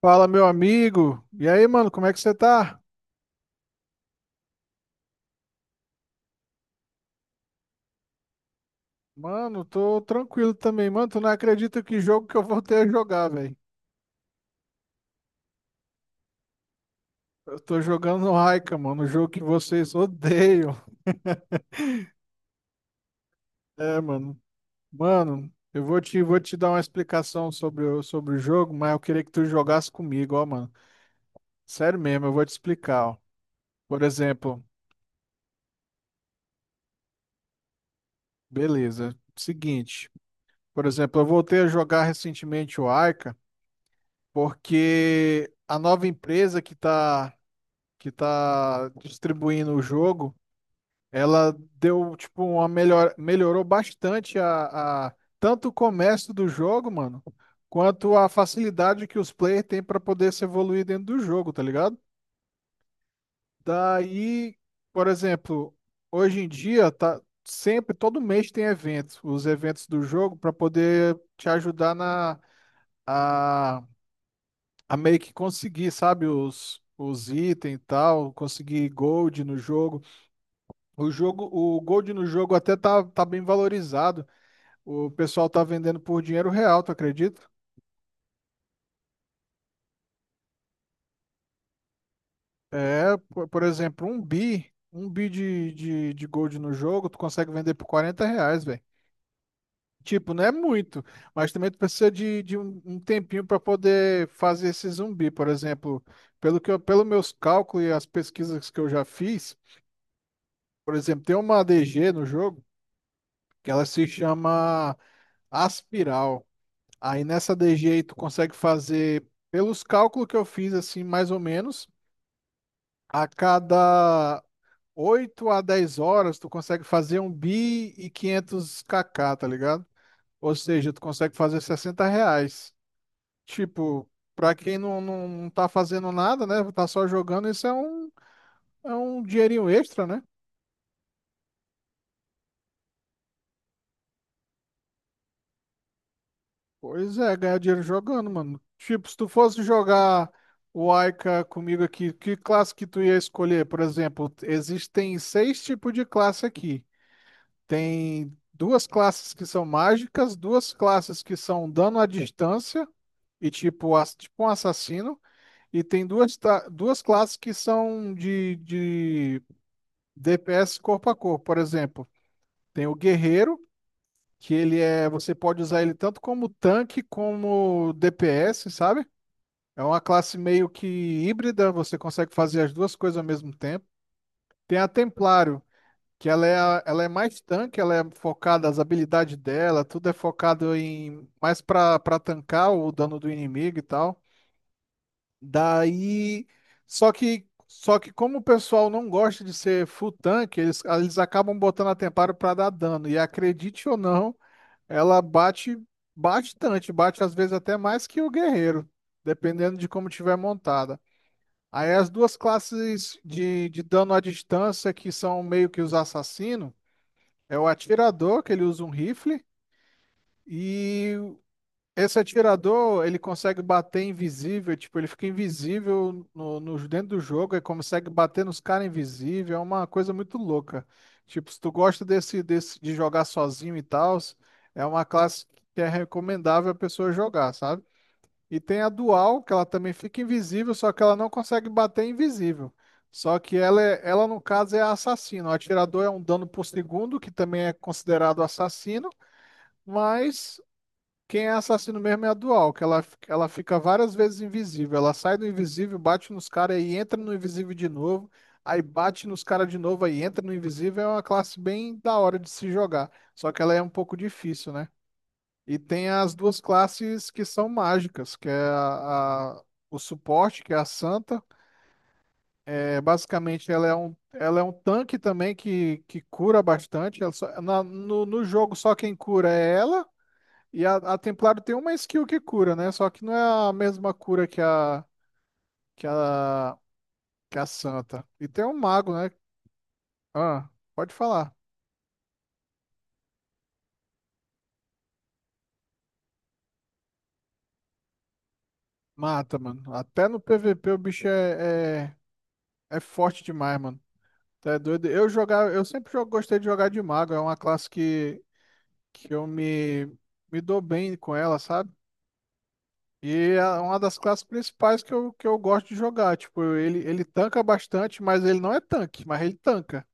Fala, meu amigo. E aí, mano, como é que você tá? Mano, tô tranquilo também. Mano, tu não acredita que jogo que eu voltei a jogar, velho. Eu tô jogando no Raika, mano, o jogo que vocês odeiam. É, mano. Mano, eu vou te dar uma explicação sobre o jogo, mas eu queria que tu jogasse comigo, ó, mano. Sério mesmo, eu vou te explicar, ó. Por exemplo, beleza. Seguinte, por exemplo, eu voltei a jogar recentemente o Aika, porque a nova empresa que tá distribuindo o jogo, ela deu, tipo, melhorou bastante tanto o comércio do jogo, mano, quanto a facilidade que os players têm para poder se evoluir dentro do jogo, tá ligado? Daí, por exemplo, hoje em dia tá sempre todo mês tem eventos, os eventos do jogo para poder te ajudar na a, a meio que conseguir, sabe, os itens e tal, conseguir gold no jogo. O jogo, o Gold no jogo até tá bem valorizado. O pessoal tá vendendo por dinheiro real, tu acredita? É, por exemplo, um bi de Gold no jogo, tu consegue vender por R$ 40, velho. Tipo, não é muito, mas também tu precisa de um tempinho para poder fazer esse zumbi, por exemplo. Pelo meus cálculos e as pesquisas que eu já fiz, por exemplo, tem uma ADG no jogo que ela se chama Aspiral. Aí nessa DG aí tu consegue fazer, pelos cálculos que eu fiz, assim, mais ou menos, a cada 8 a 10 horas tu consegue fazer um bi e 500 kk, tá ligado? Ou seja, tu consegue fazer R$ 60. Tipo, pra quem não tá fazendo nada, né? Tá só jogando, isso é um dinheirinho extra, né? Pois é, ganhar dinheiro jogando, mano. Tipo, se tu fosse jogar o Aika comigo aqui, que classe que tu ia escolher? Por exemplo, existem seis tipos de classe aqui. Tem duas classes que são mágicas, duas classes que são dano à distância e tipo, tipo um assassino, e tem duas classes que são de DPS corpo a corpo, por exemplo. Tem o guerreiro, você pode usar ele tanto como tanque como DPS, sabe? É uma classe meio que híbrida, você consegue fazer as duas coisas ao mesmo tempo. Tem a Templário, que ela é, a- ela é mais tanque, ela é focada, as habilidades dela, tudo é focado em mais pra tancar o dano do inimigo e tal. Daí, só que como o pessoal não gosta de ser full tanque, eles acabam botando a Templário pra dar dano. E acredite ou não, ela bate bastante, bate às vezes até mais que o guerreiro, dependendo de como tiver montada. Aí as duas classes de dano à distância que são meio que os assassinos, é o atirador, que ele usa um rifle, e esse atirador, ele consegue bater invisível, tipo, ele fica invisível dentro do jogo, e consegue bater nos caras invisível, é uma coisa muito louca. Tipo, se tu gosta desse de jogar sozinho e tal, é uma classe que é recomendável a pessoa jogar, sabe? E tem a dual, que ela também fica invisível, só que ela não consegue bater invisível. Só que ela no caso, é a assassino. O atirador é um dano por segundo, que também é considerado assassino, mas quem é assassino mesmo é a dual, que ela fica várias vezes invisível. Ela sai do invisível, bate nos caras e entra no invisível de novo. Aí bate nos caras de novo, aí entra no invisível. É uma classe bem da hora de se jogar. Só que ela é um pouco difícil, né? E tem as duas classes que são mágicas, que é o suporte, que é a Santa. É, basicamente, ela é um tanque também que cura bastante. Ela no jogo, só quem cura é ela. E a Templário tem uma skill que cura, né? Só que não é a mesma cura que a, que a Santa. E tem o Mago, né? Ah, pode falar. Mata, mano. Até no PVP o bicho é forte demais, mano. Tá doido? Eu sempre gostei de jogar de mago, é uma classe que eu me dou bem com ela, sabe? E é uma das classes principais que eu gosto de jogar. Tipo, ele tanca bastante, mas ele não é tanque, mas ele tanca.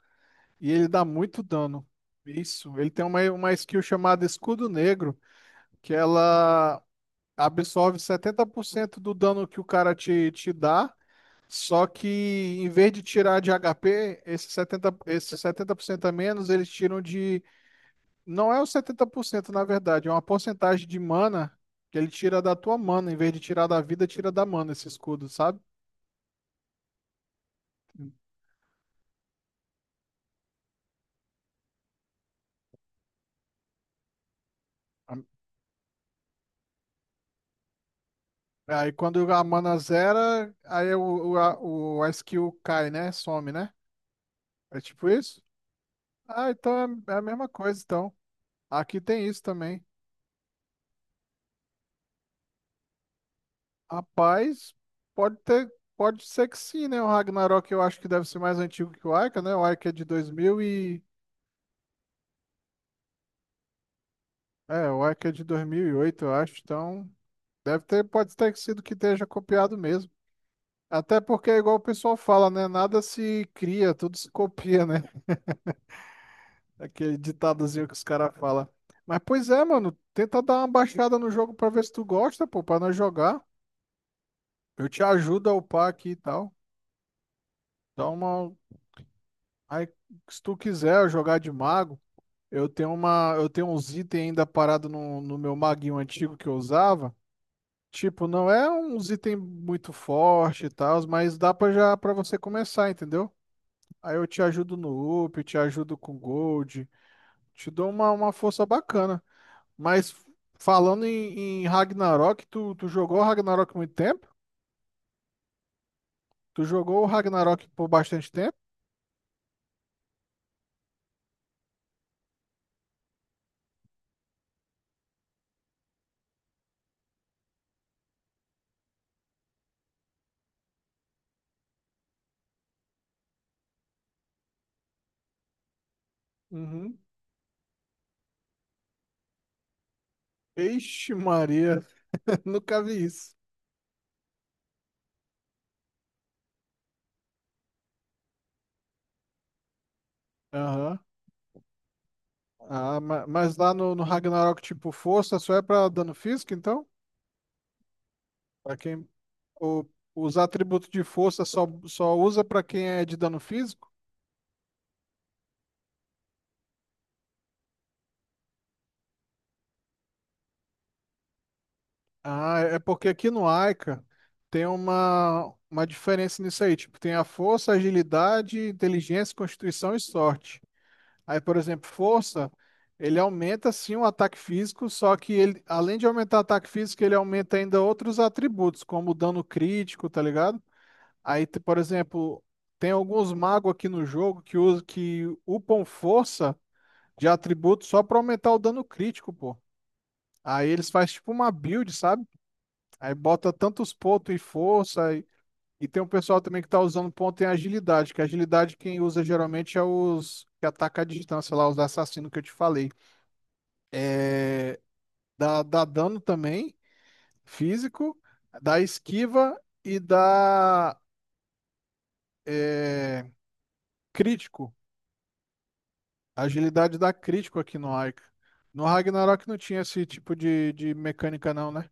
E ele dá muito dano. Isso. Ele tem uma skill chamada Escudo Negro, que ela absorve 70% do dano que o cara te dá. Só que em vez de tirar de HP, esse 70, esse 70% a menos, eles tiram de. Não é o 70% na verdade, é uma porcentagem de mana que ele tira da tua mana. Em vez de tirar da vida, tira da mana esse escudo, sabe? A- Aí quando a mana zera, aí o- a skill cai, né? Some, né? É tipo isso? Ah, então é a mesma coisa, então. Aqui tem isso também. Rapaz, pode ter, pode ser que sim, né? O Ragnarok eu acho que deve ser mais antigo que o Aika, né? O Aika é de dois mil e O Aika é de 2008, eu acho. Então, deve ter, pode ter sido que esteja copiado mesmo. Até porque é igual o pessoal fala, né? Nada se cria, tudo se copia, né? Aquele ditadozinho que os caras falam. Mas pois é, mano, tenta dar uma baixada no jogo pra ver se tu gosta, pô, pra nós jogar. Eu te ajudo a upar aqui e tal. Dá uma. Aí, se tu quiser jogar de mago, eu tenho uns itens ainda parado no meu maguinho antigo que eu usava. Tipo, não é uns itens muito forte e tal, mas dá para já para você começar, entendeu? Aí eu te ajudo no up, te ajudo com gold, te dou uma, força bacana. Mas falando em Ragnarok, tu jogou Ragnarok há muito tempo? Tu jogou o Ragnarok por bastante tempo? Uhum. Ixi, Maria, nunca vi isso. Aham. Ah, mas lá no Ragnarok, tipo, força só é pra dano físico, então? Pra quem O- os atributos de força só usa para quem é de dano físico? Ah, é porque aqui no Aika tem uma diferença nisso aí. Tipo, tem a força, agilidade, inteligência, constituição e sorte. Aí, por exemplo, força, ele aumenta sim o ataque físico, só que ele, além de aumentar o ataque físico, ele aumenta ainda outros atributos, como o dano crítico, tá ligado? Aí, por exemplo, tem alguns magos aqui no jogo que usam que upam força de atributo só pra aumentar o dano crítico, pô. Aí eles fazem tipo uma build, sabe? Aí bota tantos pontos em força. E tem um pessoal também que tá usando ponto em agilidade, que agilidade quem usa geralmente é os que ataca à distância lá, os assassinos que eu te falei. É, dá dano também, físico, dá esquiva e dá é, crítico. Agilidade dá crítico aqui no Aika. No Ragnarok não tinha esse tipo de mecânica, não, né?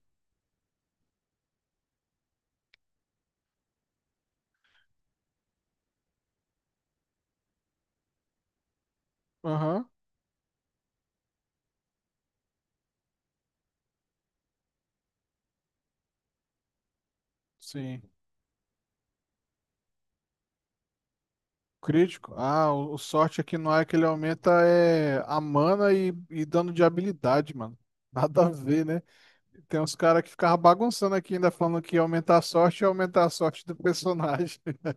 Aham, sim. Crítico? Ah, o sorte aqui não é que ele aumenta a mana e dano de habilidade, mano. Nada a ver, né? Tem uns caras que ficavam bagunçando aqui ainda falando que ia aumentar a sorte e aumentar a sorte do personagem.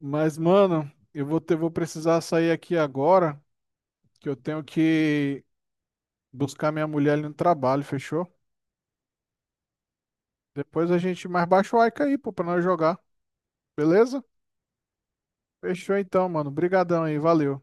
Mas, mano, vou precisar sair aqui agora, que eu tenho que buscar minha mulher ali no trabalho, fechou? Depois a gente mais baixa o Aika aí, pô, pra nós jogar. Beleza? Fechou então, mano. Brigadão aí, valeu.